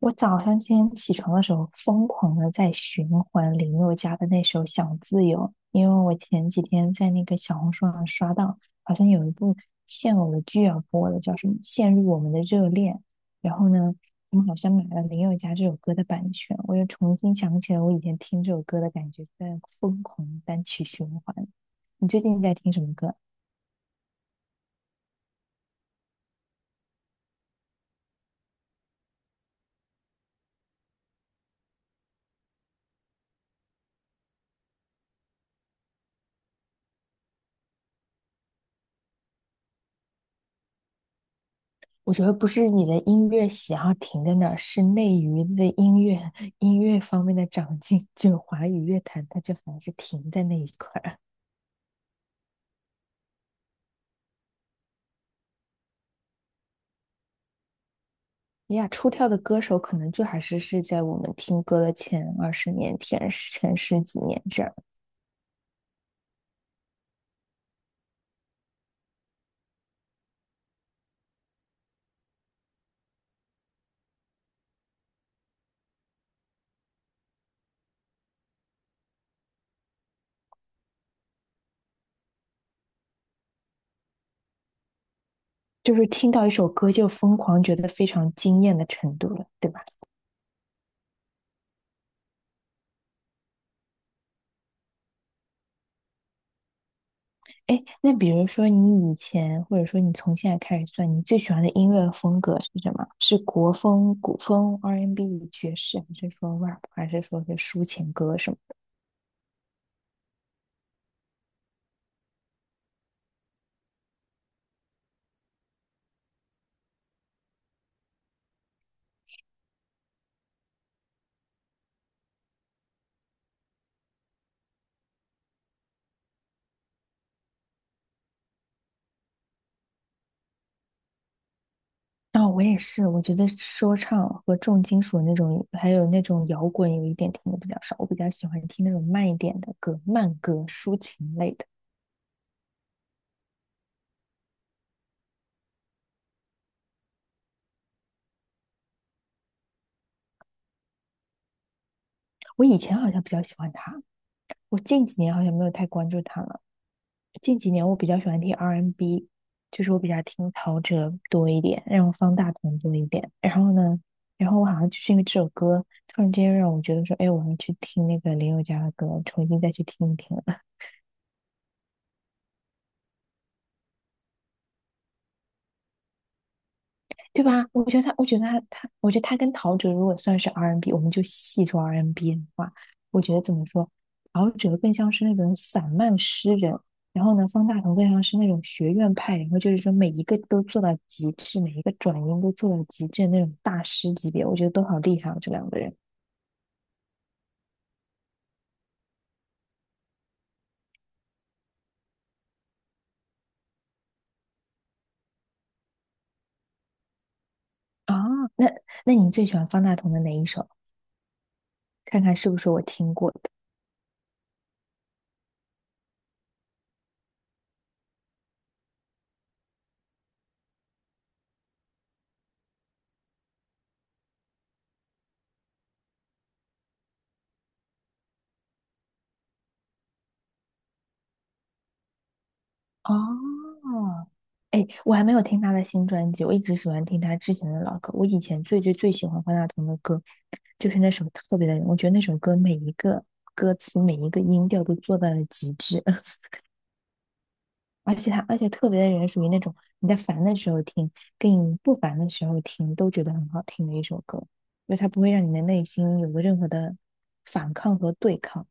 我早上今天起床的时候，疯狂的在循环林宥嘉的那首《想自由》，因为我前几天在那个小红书上刷到，好像有一部现偶的剧要播了，叫什么《陷入我们的热恋》。然后呢，他们好像买了林宥嘉这首歌的版权，我又重新想起了我以前听这首歌的感觉，在疯狂单曲循环。你最近在听什么歌？我觉得不是你的音乐喜好停在那儿，是内娱的音乐音乐方面的长进，就华语乐坛它就还是停在那一块儿啊。你俩出跳的歌手可能就还是是在我们听歌的前二十年、前十几年这样，就是听到一首歌就疯狂，觉得非常惊艳的程度了，对吧？哎，那比如说你以前，或者说你从现在开始算，你最喜欢的音乐风格是什么？是国风、古风、R&B、爵士，还是说 rap，还是说是抒情歌什么的？啊、我也是，我觉得说唱和重金属那种，还有那种摇滚，有一点听的比较少。我比较喜欢听那种慢一点的歌，慢歌、抒情类的。我以前好像比较喜欢他，我近几年好像没有太关注他了。近几年我比较喜欢听 R&B，就是我比较听陶喆多一点，然后方大同多一点。然后呢，然后我好像就是因为这首歌，突然之间让我觉得说，哎，我要去听那个林宥嘉的歌，重新再去听一听了。对吧？我觉得他跟陶喆如果算是 R&B，我们就细说 R&B 的话，我觉得怎么说，陶喆更像是那种散漫诗人，然后呢，方大同更像是那种学院派，然后就是说每一个都做到极致，每一个转音都做到极致的那种大师级别，我觉得都好厉害哦，这两个人啊。那那你最喜欢方大同的哪一首？看看是不是我听过的。哦，哎，我还没有听他的新专辑，我一直喜欢听他之前的老歌。我以前最最最喜欢方大同的歌，就是那首《特别的人》，我觉得那首歌每一个歌词、每一个音调都做到了极致，而且《特别的人》属于那种你在烦的时候听，跟你不烦的时候听都觉得很好听的一首歌，因为它不会让你的内心有任何的反抗和对抗。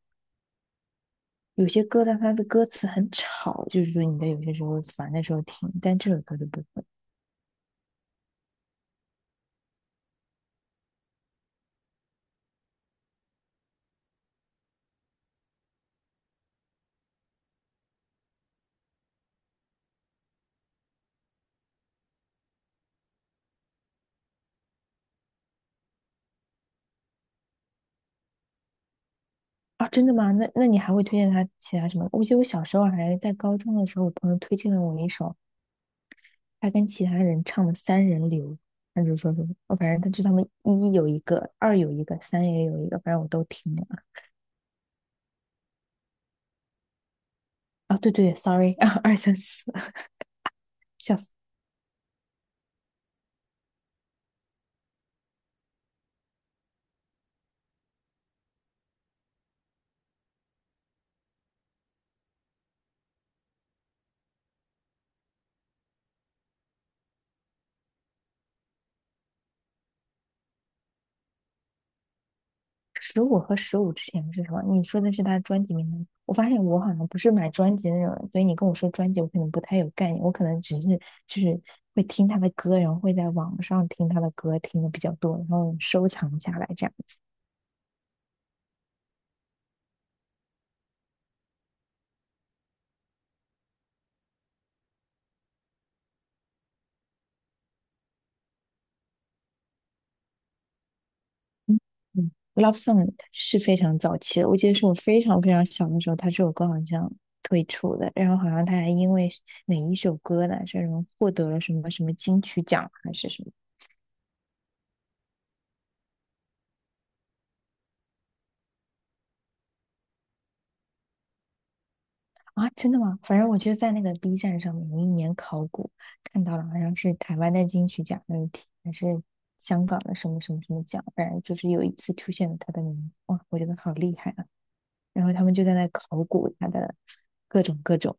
有些歌，但它的歌词很吵，就是说你在有些时候烦的时候听，但这首歌就不会。啊，真的吗？那你还会推荐他其他什么？我记得我小时候还在高中的时候，我朋友推荐了我一首他跟其他人唱的《三人流》，他就说什么，哦，反正他就他们一有一个，二有一个，三也有一个，反正我都听了。啊，对对，sorry，二三四，笑死。十五和十五之前是什么？你说的是他专辑名单。我发现我好像不是买专辑的那种人，所以你跟我说专辑，我可能不太有概念。我可能只是就是会听他的歌，然后会在网上听他的歌，听的比较多，然后收藏下来这样子。嗯嗯，Love Song 是非常早期的，我记得是我非常非常小的时候，他这首歌好像推出的，然后好像他还因为哪一首歌呢，这种获得了什么什么金曲奖还是什么。啊，真的吗？反正我就在那个 B 站上面有一年考古，看到了好像是台湾的金曲奖那一题，还是香港的什么什么什么奖，反正就是有一次出现了他的名字，哇，我觉得好厉害啊！然后他们就在那考古他的各种各种，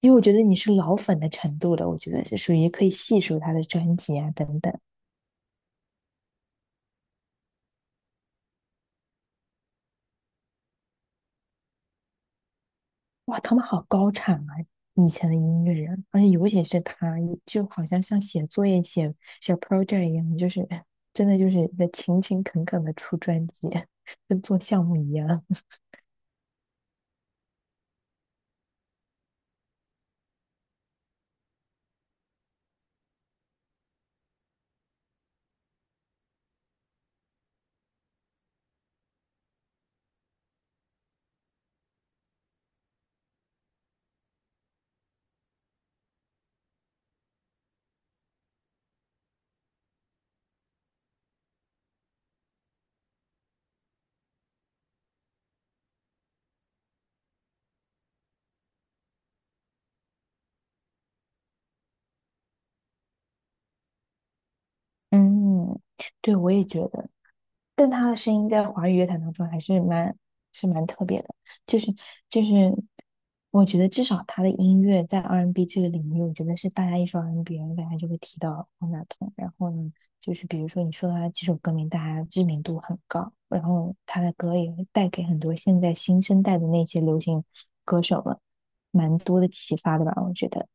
因为我觉得你是老粉的程度了，我觉得是属于可以细数他的专辑啊等等。哇，他们好高产啊！以前的音乐人，而且尤其是他，就好像像写作业、写 project 一样，就是哎真的就是在勤勤恳恳的出专辑，跟做项目一样。嗯，对，我也觉得。但他的声音在华语乐坛当中还是蛮特别的，就是就是，我觉得至少他的音乐在 R&B 这个领域，我觉得是大家一说 R&B，大家就会提到方大同。然后呢，就是比如说你说他几首歌名，大家知名度很高，然后他的歌也会带给很多现在新生代的那些流行歌手们蛮多的启发的吧，我觉得。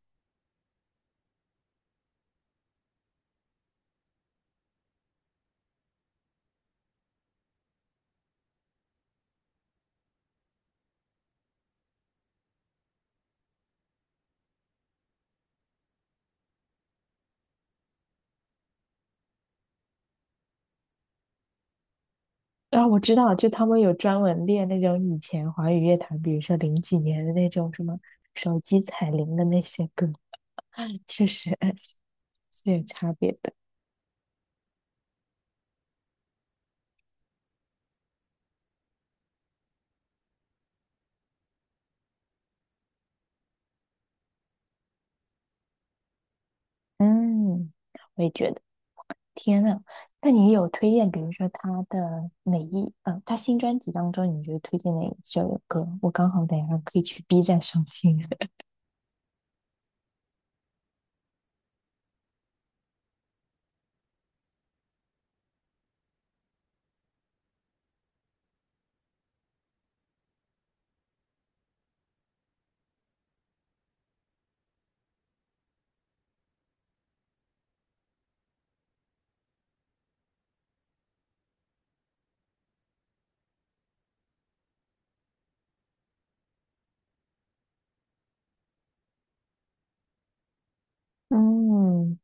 啊，我知道，就他们有专门练那种以前华语乐坛，比如说零几年的那种什么手机彩铃的那些歌，确实是有差别的。嗯，我也觉得。天呐，那你有推荐，比如说他的哪一，嗯、他新专辑当中，你觉得推荐哪一首歌？我刚好等一下可以去 B 站上听。嗯，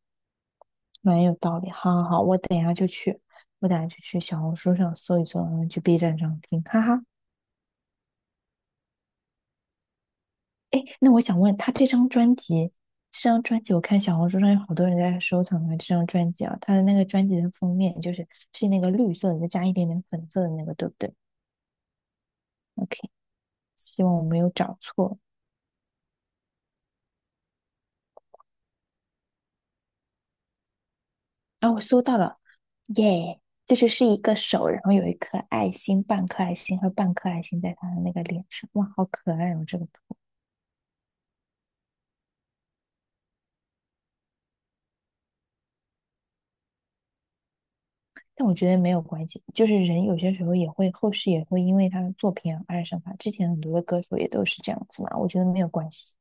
蛮有道理。好好好，我等一下就去，我等一下就去小红书上搜一搜，然后去 B 站上听。哈哈。哎，那我想问他这张专辑，这张专辑我看小红书上有好多人在收藏啊，这张专辑啊，他的那个专辑的封面就是是那个绿色的，再加一点点粉色的那个，对不对？OK，希望我没有找错。啊，我搜到了，耶，就是是一个手，然后有一颗爱心，半颗爱心和半颗爱心在他的那个脸上，哇，好可爱哦，这个图。但我觉得没有关系，就是人有些时候也会，后世也会因为他的作品而爱上他。之前很多的歌手也都是这样子嘛，我觉得没有关系，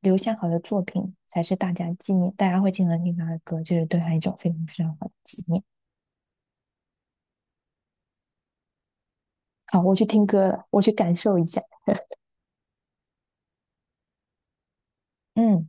留下好的作品才是大家纪念，大家会经常听他的歌，就是对他一种非常非常好的纪念。好，我去听歌了，我去感受一下。嗯。